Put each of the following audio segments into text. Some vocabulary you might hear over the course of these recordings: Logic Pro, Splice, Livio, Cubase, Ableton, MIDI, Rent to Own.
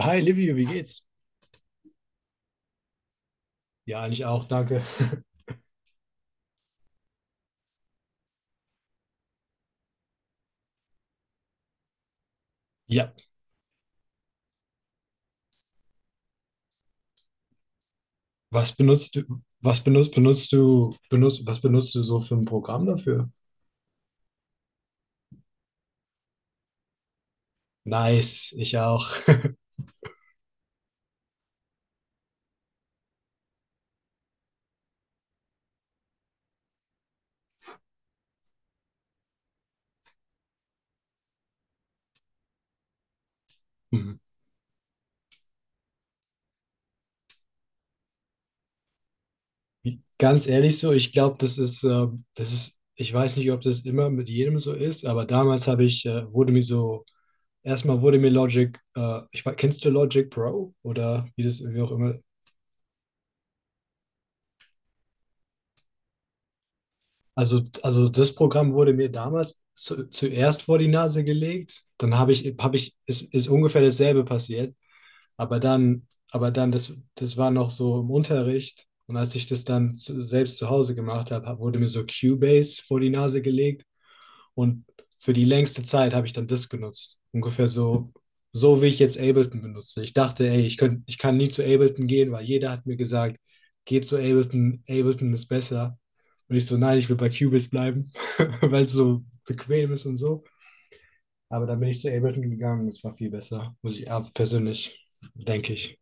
Hi Livio, wie geht's? Ja, eigentlich auch, danke. Ja, was benutzt du, was benutzt, benutzt du, benutzt, was benutzt du so für ein Programm dafür? Nice, ich auch. Hm. Ganz ehrlich so, ich glaube, das ist, ich weiß nicht, ob das immer mit jedem so ist, aber damals habe ich, wurde mir so, erstmal wurde mir Logic. Kennst du Logic Pro oder wie auch immer. Also das Programm wurde mir damals zuerst vor die Nase gelegt, dann ist ungefähr dasselbe passiert, aber dann das war noch so im Unterricht, und als ich das dann selbst zu Hause gemacht habe, wurde mir so Cubase vor die Nase gelegt, und für die längste Zeit habe ich dann das genutzt. Ungefähr so, so wie ich jetzt Ableton benutze. Ich dachte, ey, ich kann nie zu Ableton gehen, weil jeder hat mir gesagt, geh zu Ableton, Ableton ist besser. Und ich so, nein, ich will bei Cubase bleiben, weil es so bequem ist und so. Aber dann bin ich zu Ableton gegangen, es war viel besser, muss ich ja, persönlich, denke ich.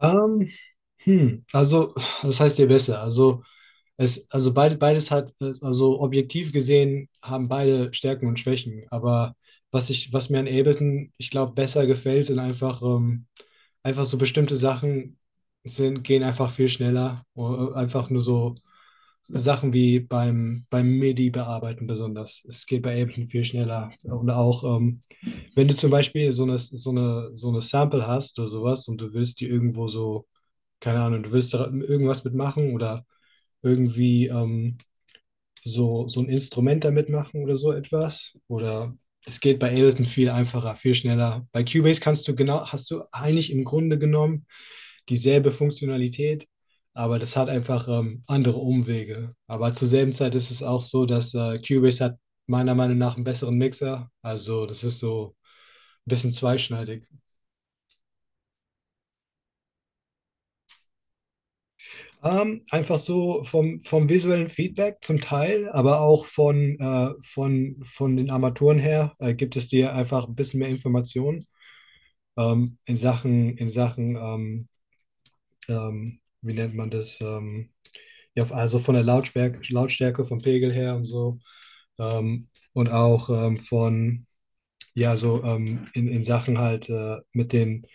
Ähm, Hm, also, das heißt ihr besser. Also, also beides hat, also objektiv gesehen, haben beide Stärken und Schwächen. Aber was mir an Ableton, ich glaube, besser gefällt, sind einfach so bestimmte Sachen sind, gehen einfach viel schneller. Oder einfach nur so Sachen wie beim MIDI bearbeiten besonders. Es geht bei Ableton viel schneller. Und auch, wenn du zum Beispiel so eine Sample hast oder sowas und du willst die irgendwo so, keine Ahnung, du willst da irgendwas mitmachen oder irgendwie ähm, so ein Instrument damit machen oder so etwas. Oder es geht bei Ableton viel einfacher, viel schneller. Bei Cubase kannst du genau, hast du eigentlich im Grunde genommen dieselbe Funktionalität, aber das hat einfach andere Umwege. Aber zur selben Zeit ist es auch so, dass Cubase hat meiner Meinung nach einen besseren Mixer. Also das ist so ein bisschen zweischneidig. Einfach so vom visuellen Feedback zum Teil, aber auch von den Armaturen her gibt es dir einfach ein bisschen mehr Informationen in Sachen wie nennt man das? Ja, also von der Lautstärke, vom Pegel her und so. Und auch ja, so in Sachen halt mit den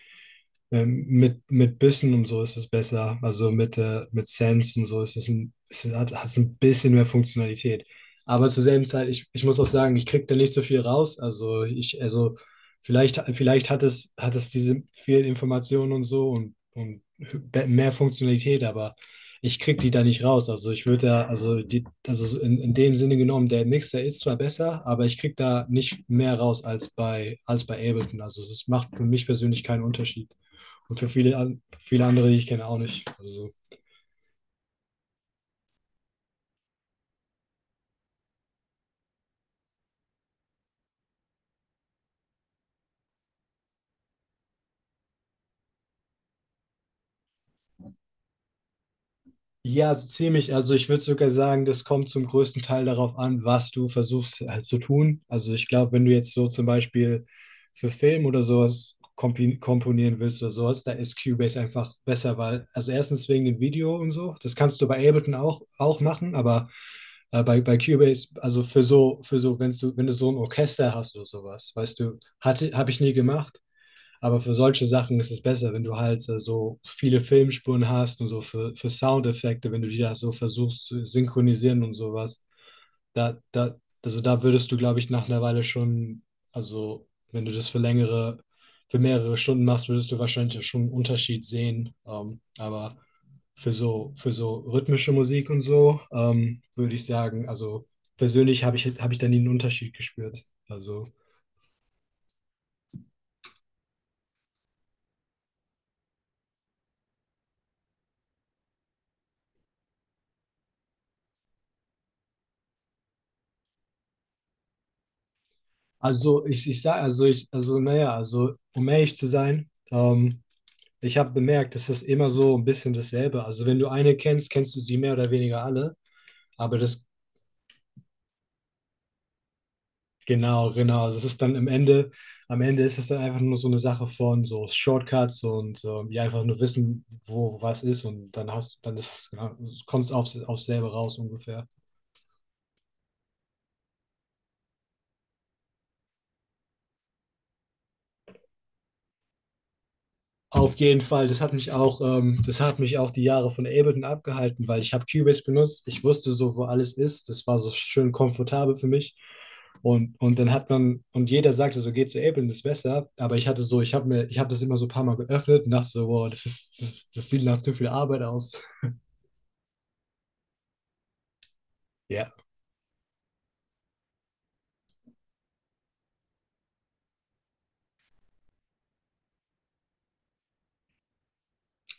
mit Bissen und so ist es besser. Also mit Sense und so ist es hat es ein bisschen mehr Funktionalität. Aber zur selben Zeit, ich muss auch sagen, ich kriege da nicht so viel raus. Also ich, also vielleicht hat es diese vielen Informationen und so und mehr Funktionalität, aber ich kriege die da nicht raus. Also ich würde da, also so in dem Sinne genommen, der Mixer ist zwar besser, aber ich kriege da nicht mehr raus als als bei Ableton. Also es macht für mich persönlich keinen Unterschied. Und für viele, viele andere, die ich kenne, auch nicht. Also, so. Ja, so ziemlich. Also ich würde sogar sagen, das kommt zum größten Teil darauf an, was du versuchst halt zu tun. Also ich glaube, wenn du jetzt so zum Beispiel für Film oder sowas komponieren willst oder sowas, da ist Cubase einfach besser, weil, also erstens wegen dem Video und so, das kannst du bei Ableton auch machen, aber bei Cubase, also für so, wenn du so ein Orchester hast oder sowas, weißt du, habe ich nie gemacht. Aber für solche Sachen ist es besser, wenn du halt so viele Filmspuren hast und so für Soundeffekte, wenn du die da so versuchst zu synchronisieren und sowas. Da, da, also da würdest du, glaube ich, nach einer Weile schon, also wenn du das für längere, für mehrere Stunden machst, würdest du wahrscheinlich ja schon einen Unterschied sehen. Aber für so rhythmische Musik und so, würde ich sagen, also persönlich habe ich da nie einen Unterschied gespürt. Also ich sage, also ich, also naja, also um ehrlich zu sein, ich habe bemerkt, es ist immer so ein bisschen dasselbe. Also wenn du eine kennst, kennst du sie mehr oder weniger alle. Aber das, genau, genau. Also es ist dann am Ende ist es dann einfach nur so eine Sache von so Shortcuts und ja, einfach nur wissen, wo was ist, und dann ist, ja, kommt es aufs selbe raus ungefähr. Auf jeden Fall, das hat mich auch, das hat mich auch die Jahre von Ableton abgehalten, weil ich habe Cubase benutzt, ich wusste so, wo alles ist, das war so schön komfortabel für mich. Und dann hat man, und jeder sagte so, geh zu Ableton, ist besser, aber ich hatte so, ich habe das immer so ein paar Mal geöffnet und dachte so, wow, das sieht nach zu viel Arbeit aus. Ja.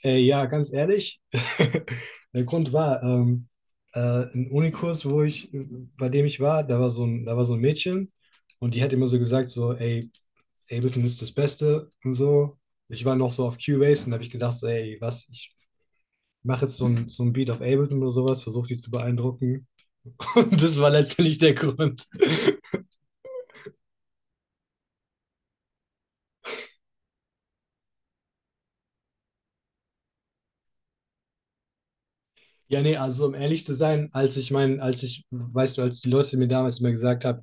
Ja, ganz ehrlich, der Grund war, äh, ein Unikurs, bei dem ich war, da da war so ein Mädchen und die hat immer so gesagt, so, ey, Ableton ist das Beste und so. Ich war noch so auf Cubase und habe ich gedacht, so, ey, was, ich mache jetzt so ein Beat auf Ableton oder sowas, versuche die zu beeindrucken. Und das war letztendlich der Grund. Ja, nee, also um ehrlich zu sein, als ich, weißt du, als die Leute mir damals immer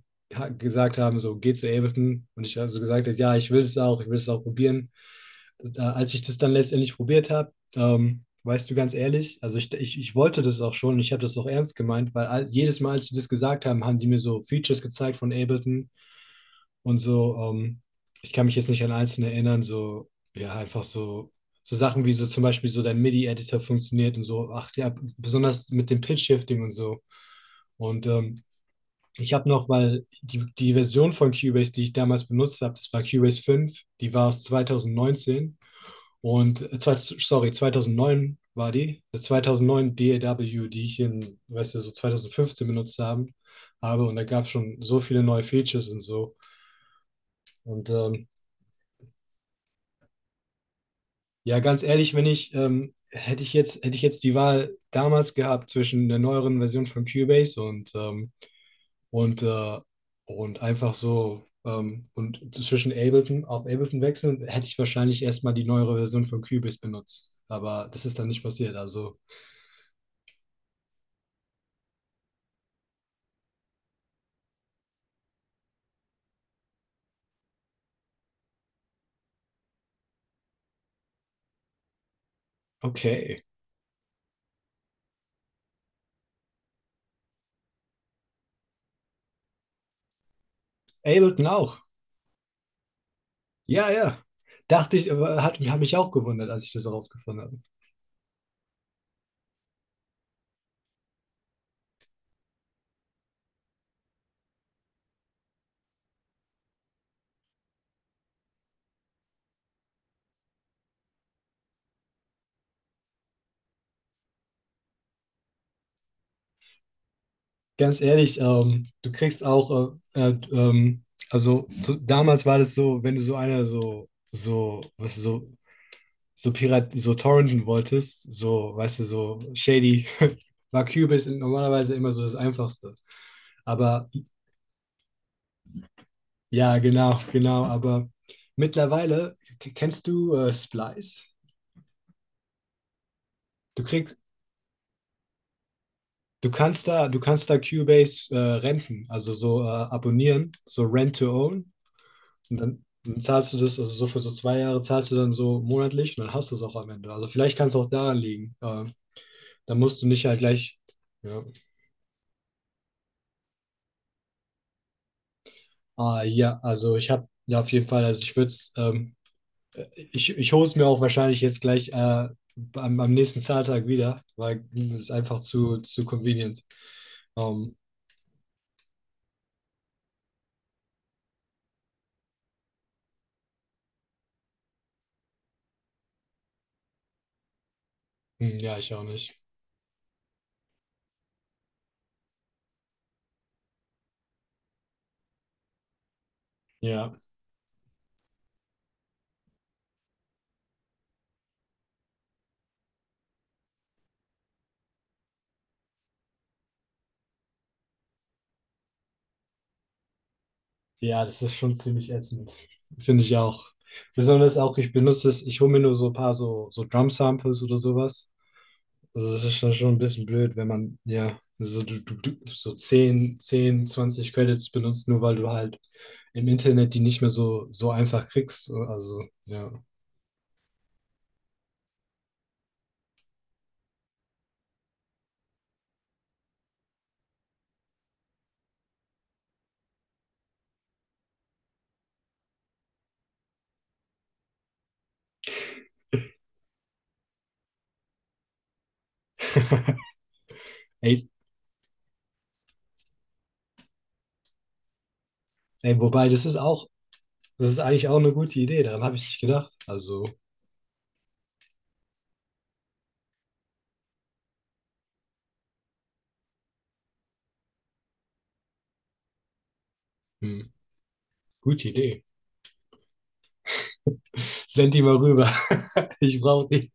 gesagt haben, so geh zu Ableton und ich habe so gesagt, ja, ich will es ich will es auch probieren, da, als ich das dann letztendlich probiert habe, weißt du, ganz ehrlich, ich wollte das auch schon, ich habe das auch ernst gemeint, weil all, jedes Mal, als sie das gesagt haben, haben die mir so Features gezeigt von Ableton und so, ich kann mich jetzt nicht an einzelne erinnern, so, ja, einfach so, so Sachen wie so zum Beispiel so der MIDI-Editor funktioniert und so, ach ja, besonders mit dem Pitch-Shifting und so. Und ich habe noch, weil die Version von Cubase, die ich damals benutzt habe, das war Cubase 5. Die war aus 2019. Und äh, sorry, 2009 war die. 2009 DAW, die ich in, weißt du, so 2015 benutzt habe. Und da gab es schon so viele neue Features und so. Und ja, ganz ehrlich, wenn ich, hätte ich hätte ich jetzt die Wahl damals gehabt zwischen der neueren Version von Cubase und, äh, und einfach so und zwischen Ableton auf Ableton wechseln, hätte ich wahrscheinlich erstmal die neuere Version von Cubase benutzt. Aber das ist dann nicht passiert. Also, okay. Ableton auch. Ja, ja. Dachte ich, aber hat mich auch gewundert, als ich das herausgefunden habe. Ganz ehrlich, du kriegst auch, also so, damals war das so, wenn du so Pirat, so torrenten wolltest, so, weißt du, so shady, war Cubase normalerweise immer so das Einfachste. Aber ja, genau, genau, aber mittlerweile, kennst du Splice? Du kriegst, Du kannst da, du kannst da Cubase renten, also so abonnieren, so Rent to Own. Und dann, dann zahlst du das, also so für so zwei Jahre zahlst du dann so monatlich und dann hast du es auch am Ende. Also vielleicht kann es auch daran liegen. Dann musst du nicht halt gleich. Ja, ah, ja, also ich habe ja auf jeden Fall, also ich würde es, äh, ich hole es mir auch wahrscheinlich jetzt gleich am nächsten Zahltag wieder, weil es ist einfach zu convenient. Ähm, hm, ja, ich auch nicht. Ja, ja, das ist schon ziemlich ätzend. Finde ich auch. Besonders auch, ich benutze es, ich hole mir nur so ein paar so, so Drum-Samples oder sowas. Also das ist schon schon ein bisschen blöd, wenn man ja so, du, so 10 10 20 Credits benutzt, nur weil du halt im Internet die nicht mehr so, so einfach kriegst. Also, ja. Ey, Ey, wobei, das ist eigentlich auch eine gute Idee, daran habe ich nicht gedacht. Also, hm, gute Idee. Send die mal rüber. Ich brauche die.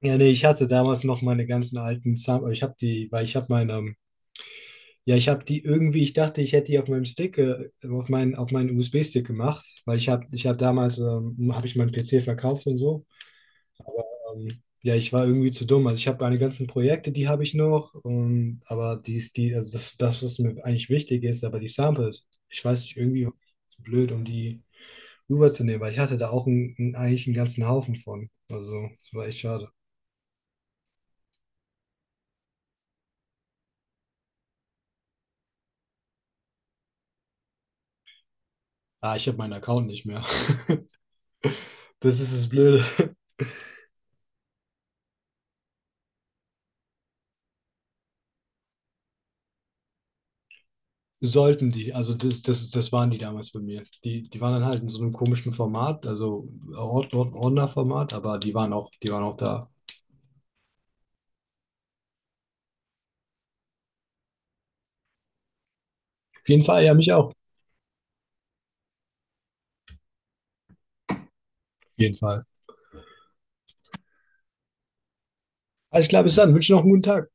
Ja, nee, ich hatte damals noch meine ganzen alten Sam ich habe die, weil ich habe meine, ja, ich habe die irgendwie, ich dachte, ich hätte die auf meinem Stick, auf meinen USB-Stick gemacht, weil ich habe damals, habe ich meinen PC verkauft und so. Ähm, ja, ich war irgendwie zu dumm. Also ich habe meine ganzen Projekte, die habe ich noch, aber die, ist die, also das, das, was mir eigentlich wichtig ist, aber die Samples, ich weiß nicht, irgendwie war ich zu blöd, um die rüberzunehmen, weil ich hatte da auch eigentlich einen ganzen Haufen von. Also, das war echt schade. Ah, ich habe meinen Account nicht mehr. Das ist das Blöde. Sollten die, also das waren die damals bei mir. Die waren dann halt in so einem komischen Format, also Ordnerformat, aber die waren die waren auch da. Auf jeden Fall, ja, mich auch. Auf jeden Fall. Alles klar, bis dann. Wünsche noch einen guten Tag.